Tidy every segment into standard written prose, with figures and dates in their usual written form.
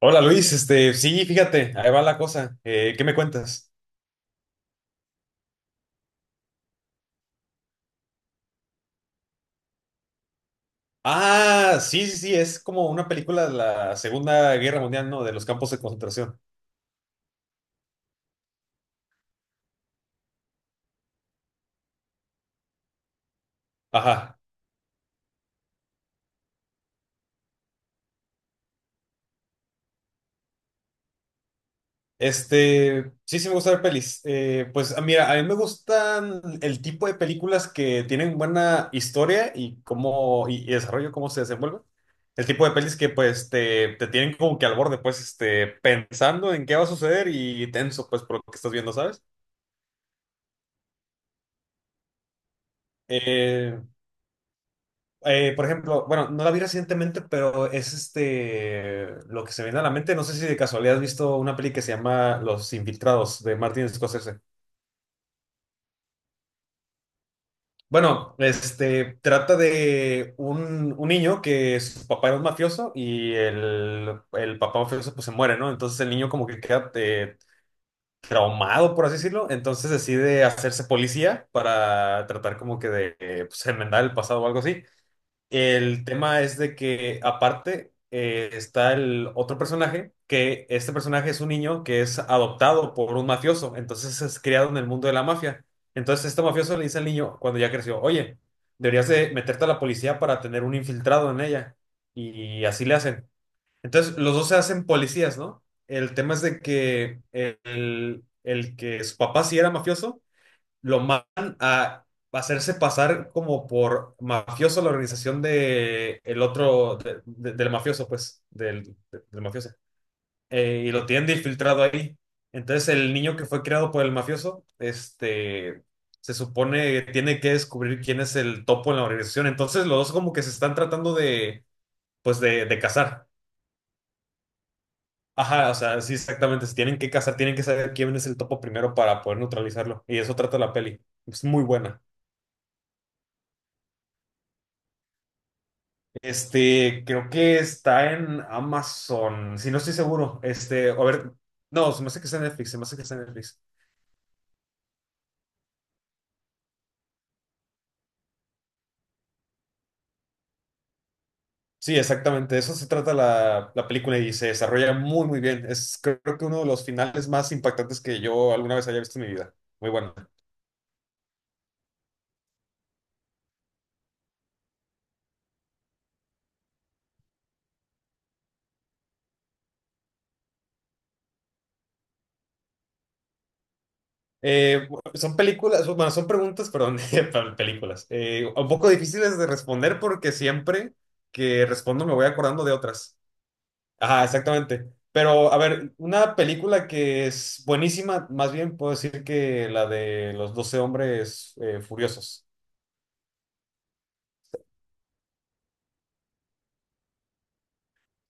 Hola Luis, sí, fíjate, ahí va la cosa. ¿Qué me cuentas? Ah, sí, sí, sí, es como una película de la Segunda Guerra Mundial, ¿no? De los campos de concentración. Ajá. Sí, sí me gusta ver pelis. Pues ah, mira, a mí me gustan el tipo de películas que tienen buena historia y cómo, y desarrollo, cómo se desenvuelven. El tipo de pelis que pues te tienen como que al borde, pues, este, pensando en qué va a suceder y tenso, pues, por lo que estás viendo, ¿sabes? Eh, por ejemplo, bueno, no la vi recientemente, pero es este lo que se viene a la mente. No sé si de casualidad has visto una peli que se llama Los Infiltrados de Martin Scorsese. Bueno, este trata de un niño que su papá era un mafioso y el papá mafioso pues se muere, ¿no? Entonces el niño como que queda traumado, por así decirlo. Entonces decide hacerse policía para tratar como que de pues, enmendar el pasado o algo así. El tema es de que aparte está el otro personaje, que este personaje es un niño que es adoptado por un mafioso, entonces es criado en el mundo de la mafia. Entonces este mafioso le dice al niño cuando ya creció, oye, deberías de meterte a la policía para tener un infiltrado en ella. Y así le hacen. Entonces los dos se hacen policías, ¿no? El tema es de que el que su papá sí era mafioso lo mandan a hacerse pasar como por mafioso a la organización de el otro, del mafioso, pues, del, del mafioso. Y lo tienen de infiltrado ahí. Entonces el niño que fue creado por el mafioso, este, se supone que tiene que descubrir quién es el topo en la organización. Entonces los dos como que se están tratando de, pues, de cazar. Ajá, o sea, sí, exactamente. Se tienen que cazar, tienen que saber quién es el topo primero para poder neutralizarlo. Y eso trata la peli. Es muy buena. Este, creo que está en Amazon. Si no estoy seguro. Este, a ver. No, se me hace que está en Netflix. Se me hace que está en Netflix. Sí, exactamente. De eso se trata la película y se desarrolla muy, muy bien. Es creo que uno de los finales más impactantes que yo alguna vez haya visto en mi vida. Muy bueno. Eh, Son películas, bueno, son preguntas, perdón, para películas. Un poco difíciles de responder porque siempre que respondo me voy acordando de otras. Ajá, exactamente. Pero, a ver, una película que es buenísima, más bien puedo decir que la de los 12 hombres furiosos.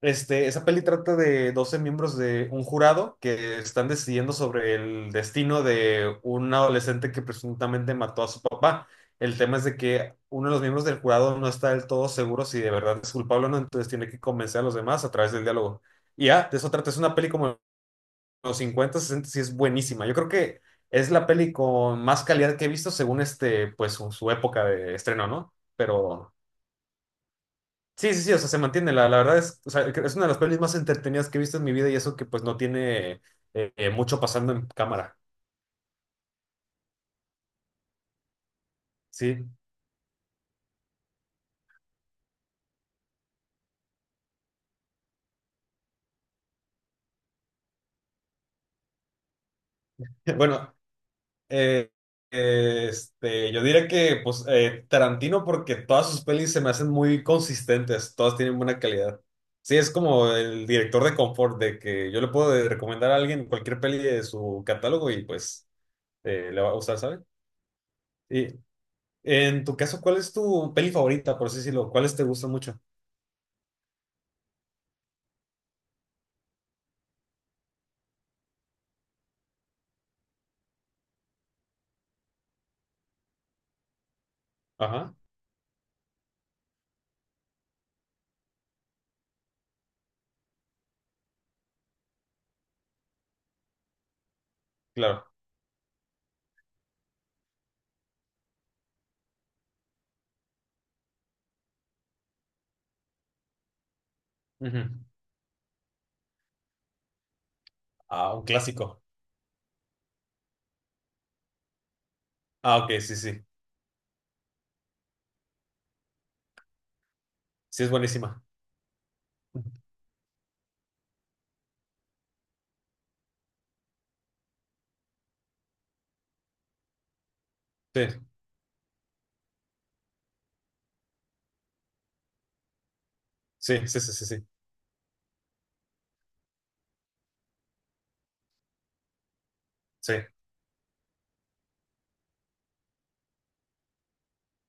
Este, esa peli trata de 12 miembros de un jurado que están decidiendo sobre el destino de un adolescente que presuntamente mató a su papá. El tema es de que uno de los miembros del jurado no está del todo seguro si de verdad es culpable o no, entonces tiene que convencer a los demás a través del diálogo. Y ya, de eso trata. Es una peli como los 50, 60 sí es buenísima. Yo creo que es la peli con más calidad que he visto según este, pues su época de estreno, ¿no? Pero sí, sí, sí, o sea, se mantiene. La verdad es, o sea, es una de las pelis más entretenidas que he visto en mi vida y eso que pues no tiene mucho pasando en cámara. Sí. Bueno, Eh, este, yo diría que pues Tarantino porque todas sus pelis se me hacen muy consistentes, todas tienen buena calidad. Sí, es como el director de confort, de que yo le puedo recomendar a alguien cualquier peli de su catálogo y pues le va a gustar, ¿sabes? Y en tu caso, ¿cuál es tu peli favorita, por así decirlo? ¿Cuáles te gustan mucho? Ajá, claro. Ujú. Ah, un clásico. Ah, ok, sí, sí. Sí, es buenísima. Sí, sí, sí, sí, sí, sí. Sí.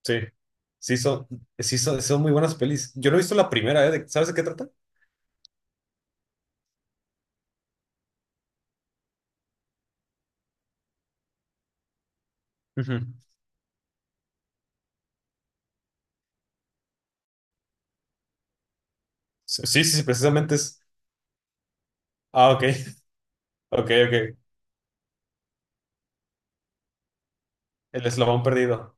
Sí, sí son, sí son, son muy buenas pelis. Yo no he visto la primera, ¿eh? De- ¿Sabes de qué trata? Ujú. Sí, sí, sí, precisamente es. Ah, ok, ok, ok. El eslabón perdido.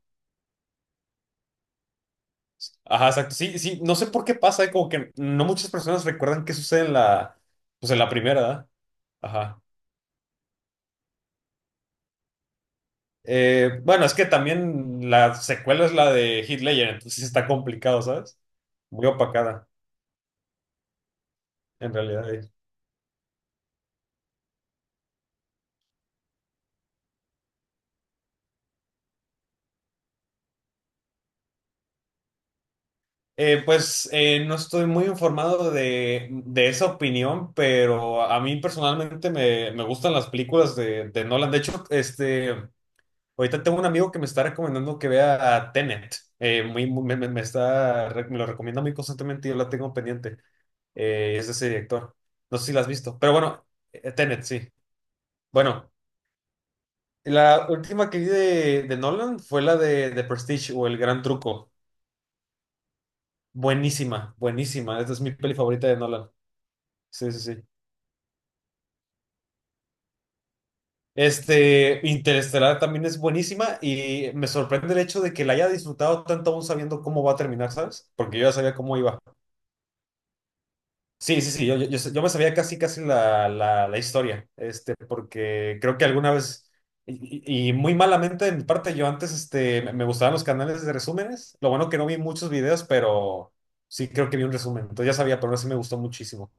Ajá, exacto. Sí, sí, no sé por qué pasa, ¿eh? Como que no muchas personas recuerdan qué sucede en la, pues en la primera, ¿verdad? Ajá. Bueno, es que también la secuela es la de Heath Ledger, entonces sí está complicado, ¿sabes? Muy opacada, en realidad. Pues no estoy muy informado de esa opinión, pero a mí personalmente me gustan las películas de Nolan. De hecho, este, ahorita tengo un amigo que me está recomendando que vea a Tenet. Muy, muy- me está, re- me lo recomienda muy constantemente y yo la tengo pendiente. Es de ese director. No sé si la has visto, pero bueno, Tenet, sí. Bueno, la última que vi de Nolan fue la de Prestige o El Gran Truco. Buenísima, buenísima. Esta es mi peli favorita de Nolan. Sí, sí, sí. Este, Interestelar también es buenísima y me sorprende el hecho de que la haya disfrutado tanto aún sabiendo cómo va a terminar, ¿sabes? Porque yo ya sabía cómo iba. Sí, sí, sí, yo sé- yo me sabía casi, casi la historia, este, porque creo que alguna vez, y muy malamente de mi parte, yo antes, este, me gustaban los canales de resúmenes, lo bueno que no vi muchos videos, pero sí creo que vi un resumen, entonces ya sabía, pero no sí me gustó muchísimo.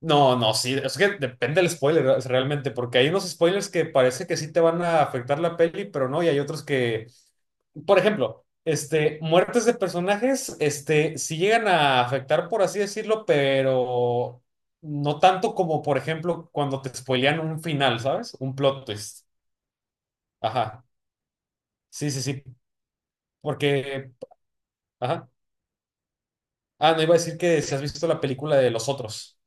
No, no, sí, es que depende del spoiler es realmente, porque hay unos spoilers que parece que sí te van a afectar la peli, pero no, y hay otros que, por ejemplo, este, muertes de personajes, este, sí llegan a afectar, por así decirlo, pero no tanto como, por ejemplo, cuando te spoilean un final, ¿sabes? Un plot twist. Ajá, sí, sí, sí, porque, ajá. Ah, no iba a decir que si has visto la película de Los Otros.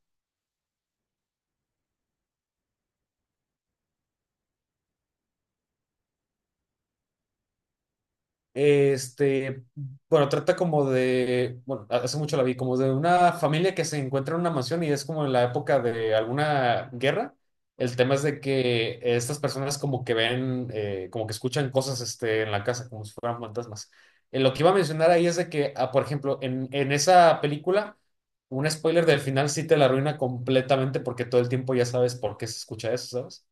Este, bueno, trata como de, bueno, hace mucho la vi, como de una familia que se encuentra en una mansión y es como en la época de alguna guerra. El tema es de que estas personas como que ven, como que escuchan cosas, este, en la casa, como si fueran fantasmas. Lo que iba a mencionar ahí es de que, ah, por ejemplo, en esa película, un spoiler del final sí te la arruina completamente porque todo el tiempo ya sabes por qué se escucha eso, ¿sabes?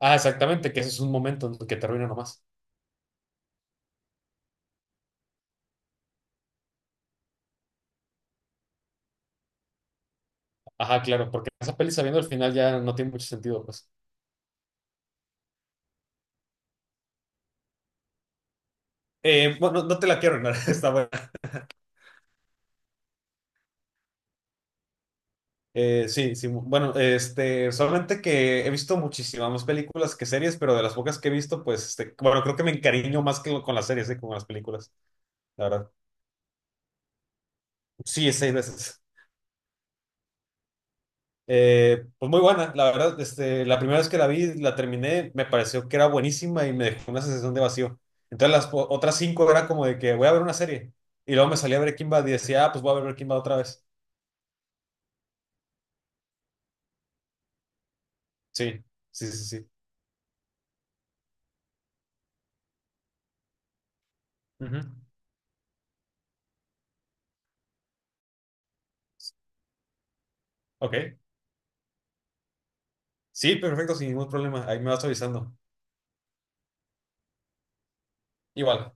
Ah, exactamente, que ese es un momento en que te arruina nomás. Ajá, claro, porque esa peli sabiendo el final ya no tiene mucho sentido, pues. Bueno, no te la quiero arruinar, está buena. Sí, sí, bueno, este, solamente que he visto muchísimas más películas que series, pero de las pocas que he visto, pues, este, bueno, creo que me encariño más que con las series, que con las películas, la verdad. Sí, es 6 veces. Pues muy buena, la verdad, este, la primera vez que la vi, la terminé, me pareció que era buenísima y me dejó una sensación de vacío. Entonces las otras 5 era como de que voy a ver una serie, y luego me salía Breaking Bad y decía, ah, pues voy a ver Breaking Bad otra vez. Sí, sí, sí, sí. Ujú. Ok. Sí, perfecto, sin ningún problema. Ahí me vas avisando. Igual,